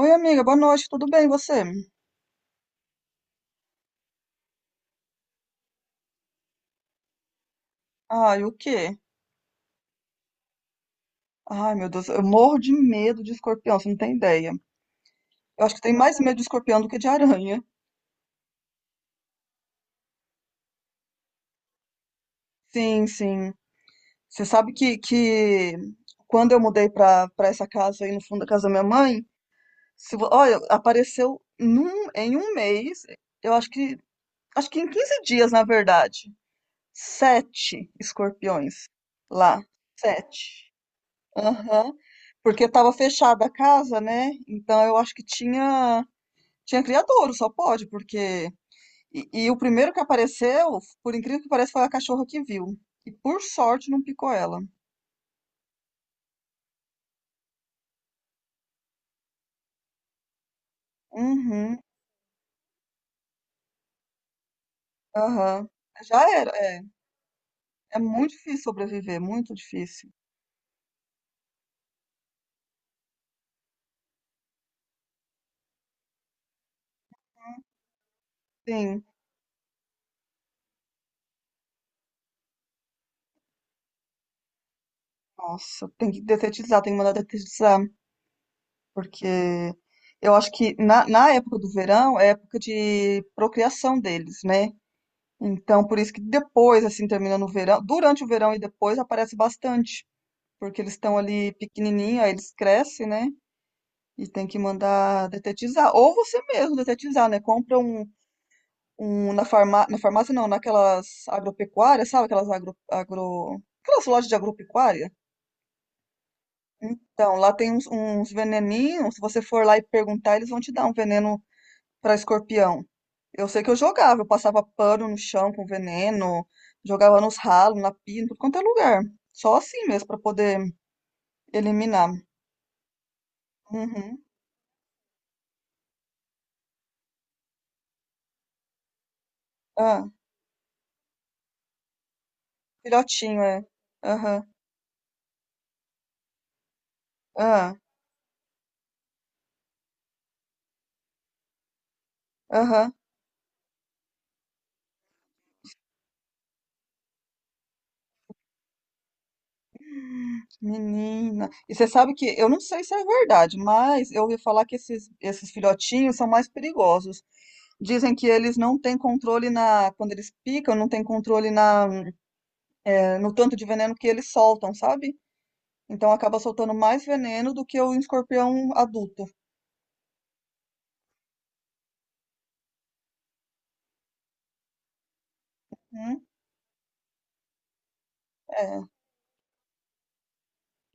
Oi, amiga, boa noite, tudo bem, e você? Ai, o quê? Ai, meu Deus, eu morro de medo de escorpião, você não tem ideia. Eu acho que tem mais medo de escorpião do que de aranha. Sim, sim. Você sabe que quando eu mudei pra essa casa aí no fundo da casa da minha mãe, se, vo- olha, apareceu em um mês, eu acho que em 15 dias, na verdade, sete escorpiões lá. Sete. Aham. Porque estava fechada a casa, né? Então eu acho que tinha criadouro, só pode, porque e o primeiro que apareceu, por incrível que pareça, foi a cachorra que viu. E por sorte não picou ela. Uhum. Aham. Já era, é. É muito difícil sobreviver, muito difícil. Sim. Nossa, tem que detetizar, tem que mandar detetizar, porque eu acho que na época do verão é época de procriação deles, né? Então, por isso que depois, assim, terminando o verão, durante o verão e depois aparece bastante, porque eles estão ali pequenininho, aí eles crescem, né? E tem que mandar detetizar. Ou você mesmo detetizar, né? Compra um na farmácia, não, naquelas agropecuárias, sabe? Aquelas lojas de agropecuária. Então, lá tem uns veneninhos. Se você for lá e perguntar, eles vão te dar um veneno pra escorpião. Eu sei que eu jogava, eu passava pano no chão com veneno, jogava nos ralos, na pia, em tudo quanto é lugar. Só assim mesmo, pra poder eliminar. Uhum. Ah, filhotinho, é. Aham, ah, aham. Menina. E você sabe que, eu não sei se é verdade, mas eu ouvi falar que esses filhotinhos são mais perigosos. Dizem que eles não têm controle na, quando eles picam, não têm controle na, no tanto de veneno que eles soltam, sabe? Então acaba soltando mais veneno do que o escorpião adulto. Hum, é.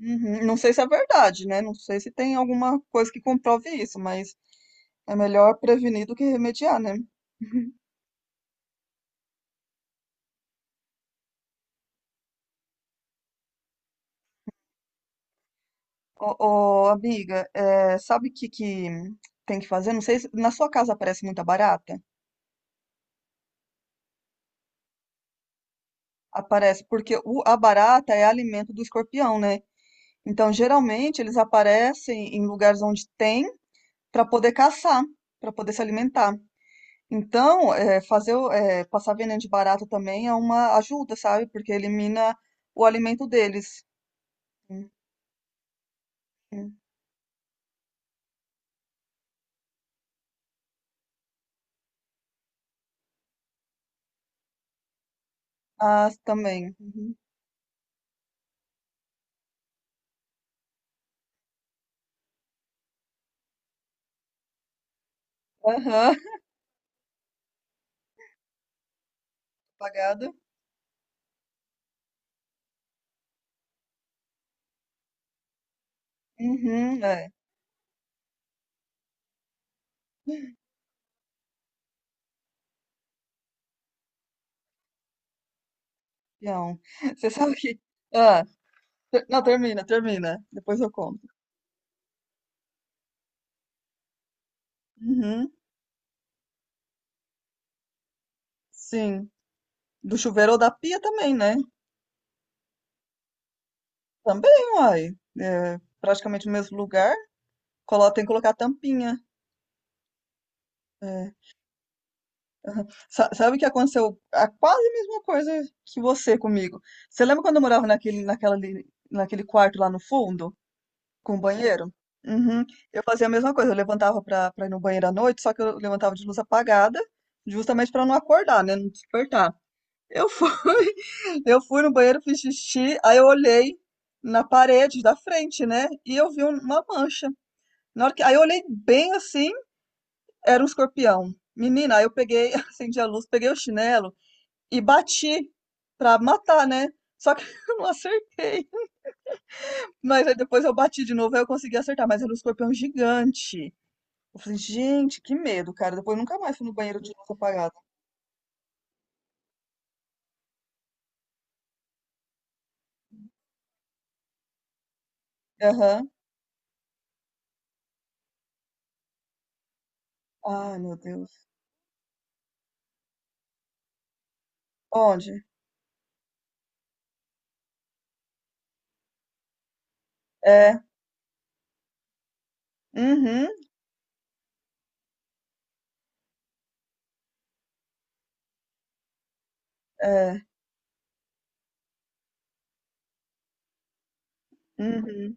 Uhum. Não sei se é verdade, né? Não sei se tem alguma coisa que comprove isso, mas é melhor prevenir do que remediar, né? Ô, ô, amiga, é, sabe o que, que tem que fazer? Não sei se na sua casa aparece muita barata. Aparece, porque a barata é alimento do escorpião, né? Então, geralmente, eles aparecem em lugares onde tem para poder caçar, para poder se alimentar. Então, é, é, passar veneno de barata também é uma ajuda, sabe? Porque elimina o alimento deles. Hum, hum. Ah, também. Uhum. Aham. Apagada. Uhum, é. Não. Você sabe que. Ah, não, termina, termina. Depois eu conto. Uhum, sim. Do chuveiro ou da pia também, né? Também, uai. É, praticamente no mesmo lugar. Tem que colocar tampinha. É. Aham. Sabe o que aconteceu? A quase mesma coisa que você comigo. Você lembra quando eu morava naquele quarto lá no fundo, com o banheiro? Uhum. Eu fazia a mesma coisa. Eu levantava pra ir no banheiro à noite, só que eu levantava de luz apagada, justamente pra não acordar, né? Não despertar. Eu fui, eu fui no banheiro, fiz xixi, aí eu olhei na parede da frente, né? E eu vi uma mancha. Na hora que, aí eu olhei bem assim, era um escorpião. Menina, aí eu peguei, acendi a luz, peguei o chinelo e bati pra matar, né. Só que eu não acertei. Mas aí depois eu bati de novo, aí eu consegui acertar, mas era um escorpião gigante. Eu falei: "Gente, que medo, cara". Depois eu nunca mais fui no banheiro de luz apagada. Aham. Ai, meu Deus. Onde? É. Uhum. É. Uhum.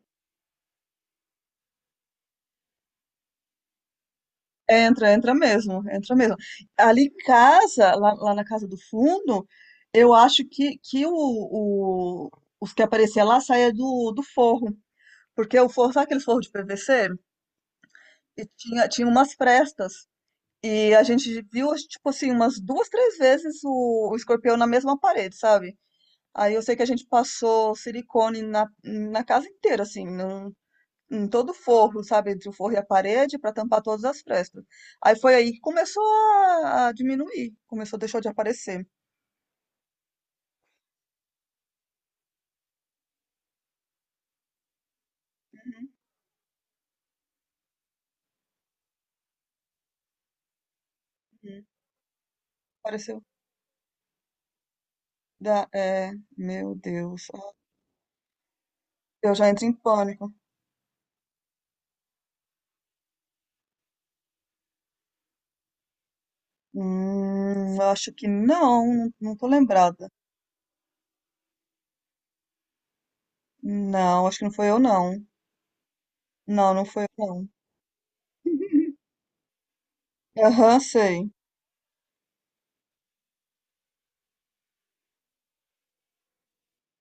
Entra, entra mesmo, entra mesmo. Ali em casa, lá na casa do fundo, eu acho que o os que aparecia lá saía do forro, porque o forro sabe aqueles forro de PVC? E tinha umas frestas. E a gente viu, acho, tipo assim, umas duas, três vezes o escorpião na mesma parede, sabe? Aí eu sei que a gente passou silicone na casa inteira, assim, em todo o forro, sabe? Entre o forro e a parede, para tampar todas as frestas. Aí foi aí que começou a diminuir, começou, deixou de aparecer. Uhum, uhum. Apareceu. É, meu Deus. Eu já entro em pânico. Eu acho que não, não tô lembrada. Não, acho que não foi eu não. Não, não foi eu não. Aham, sei.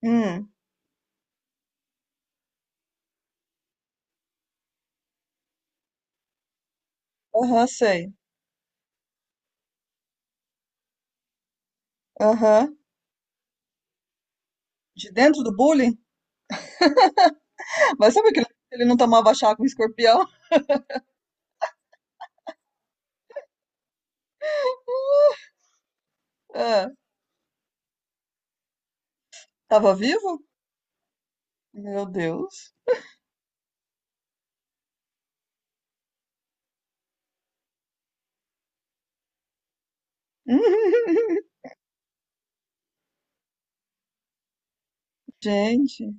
Hum, aham, sei. Aham. De dentro do bullying? Mas sabe que ele não tomava chá com escorpião? Ah, tava vivo? Meu Deus. Gente,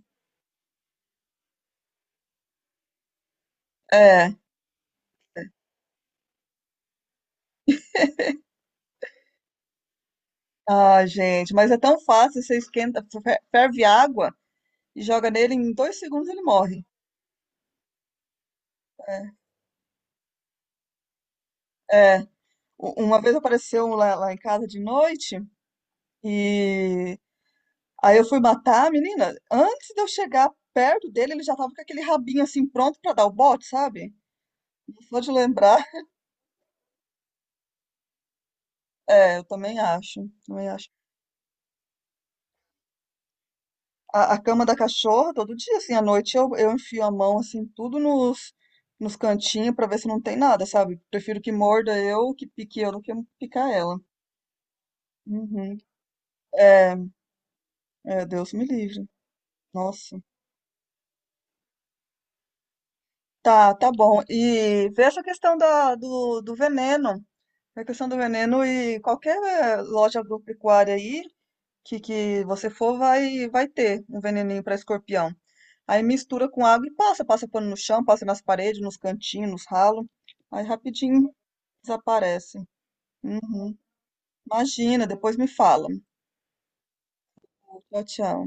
é. Ah, gente, mas é tão fácil, você esquenta, ferve água e joga nele, em dois segundos ele morre. É, é. Uma vez apareceu um lá em casa de noite e aí eu fui matar a menina. Antes de eu chegar perto dele, ele já tava com aquele rabinho assim pronto pra dar o bote, sabe? Só de lembrar, é, eu também acho, também acho. A cama da cachorra, todo dia, assim, à noite eu enfio a mão, assim, tudo nos cantinhos pra ver se não tem nada, sabe? Prefiro que morda eu, que pique eu, do que picar ela. Uhum. É, é, Deus me livre. Nossa. Tá, tá bom. E veja a questão do veneno. A questão do veneno e qualquer loja agropecuária aí que você for vai ter um veneninho para escorpião. Aí mistura com água e passa pano no chão, passa nas paredes, nos cantinhos, nos ralos. Aí rapidinho desaparece. Uhum. Imagina, depois me fala. Tchau, tchau.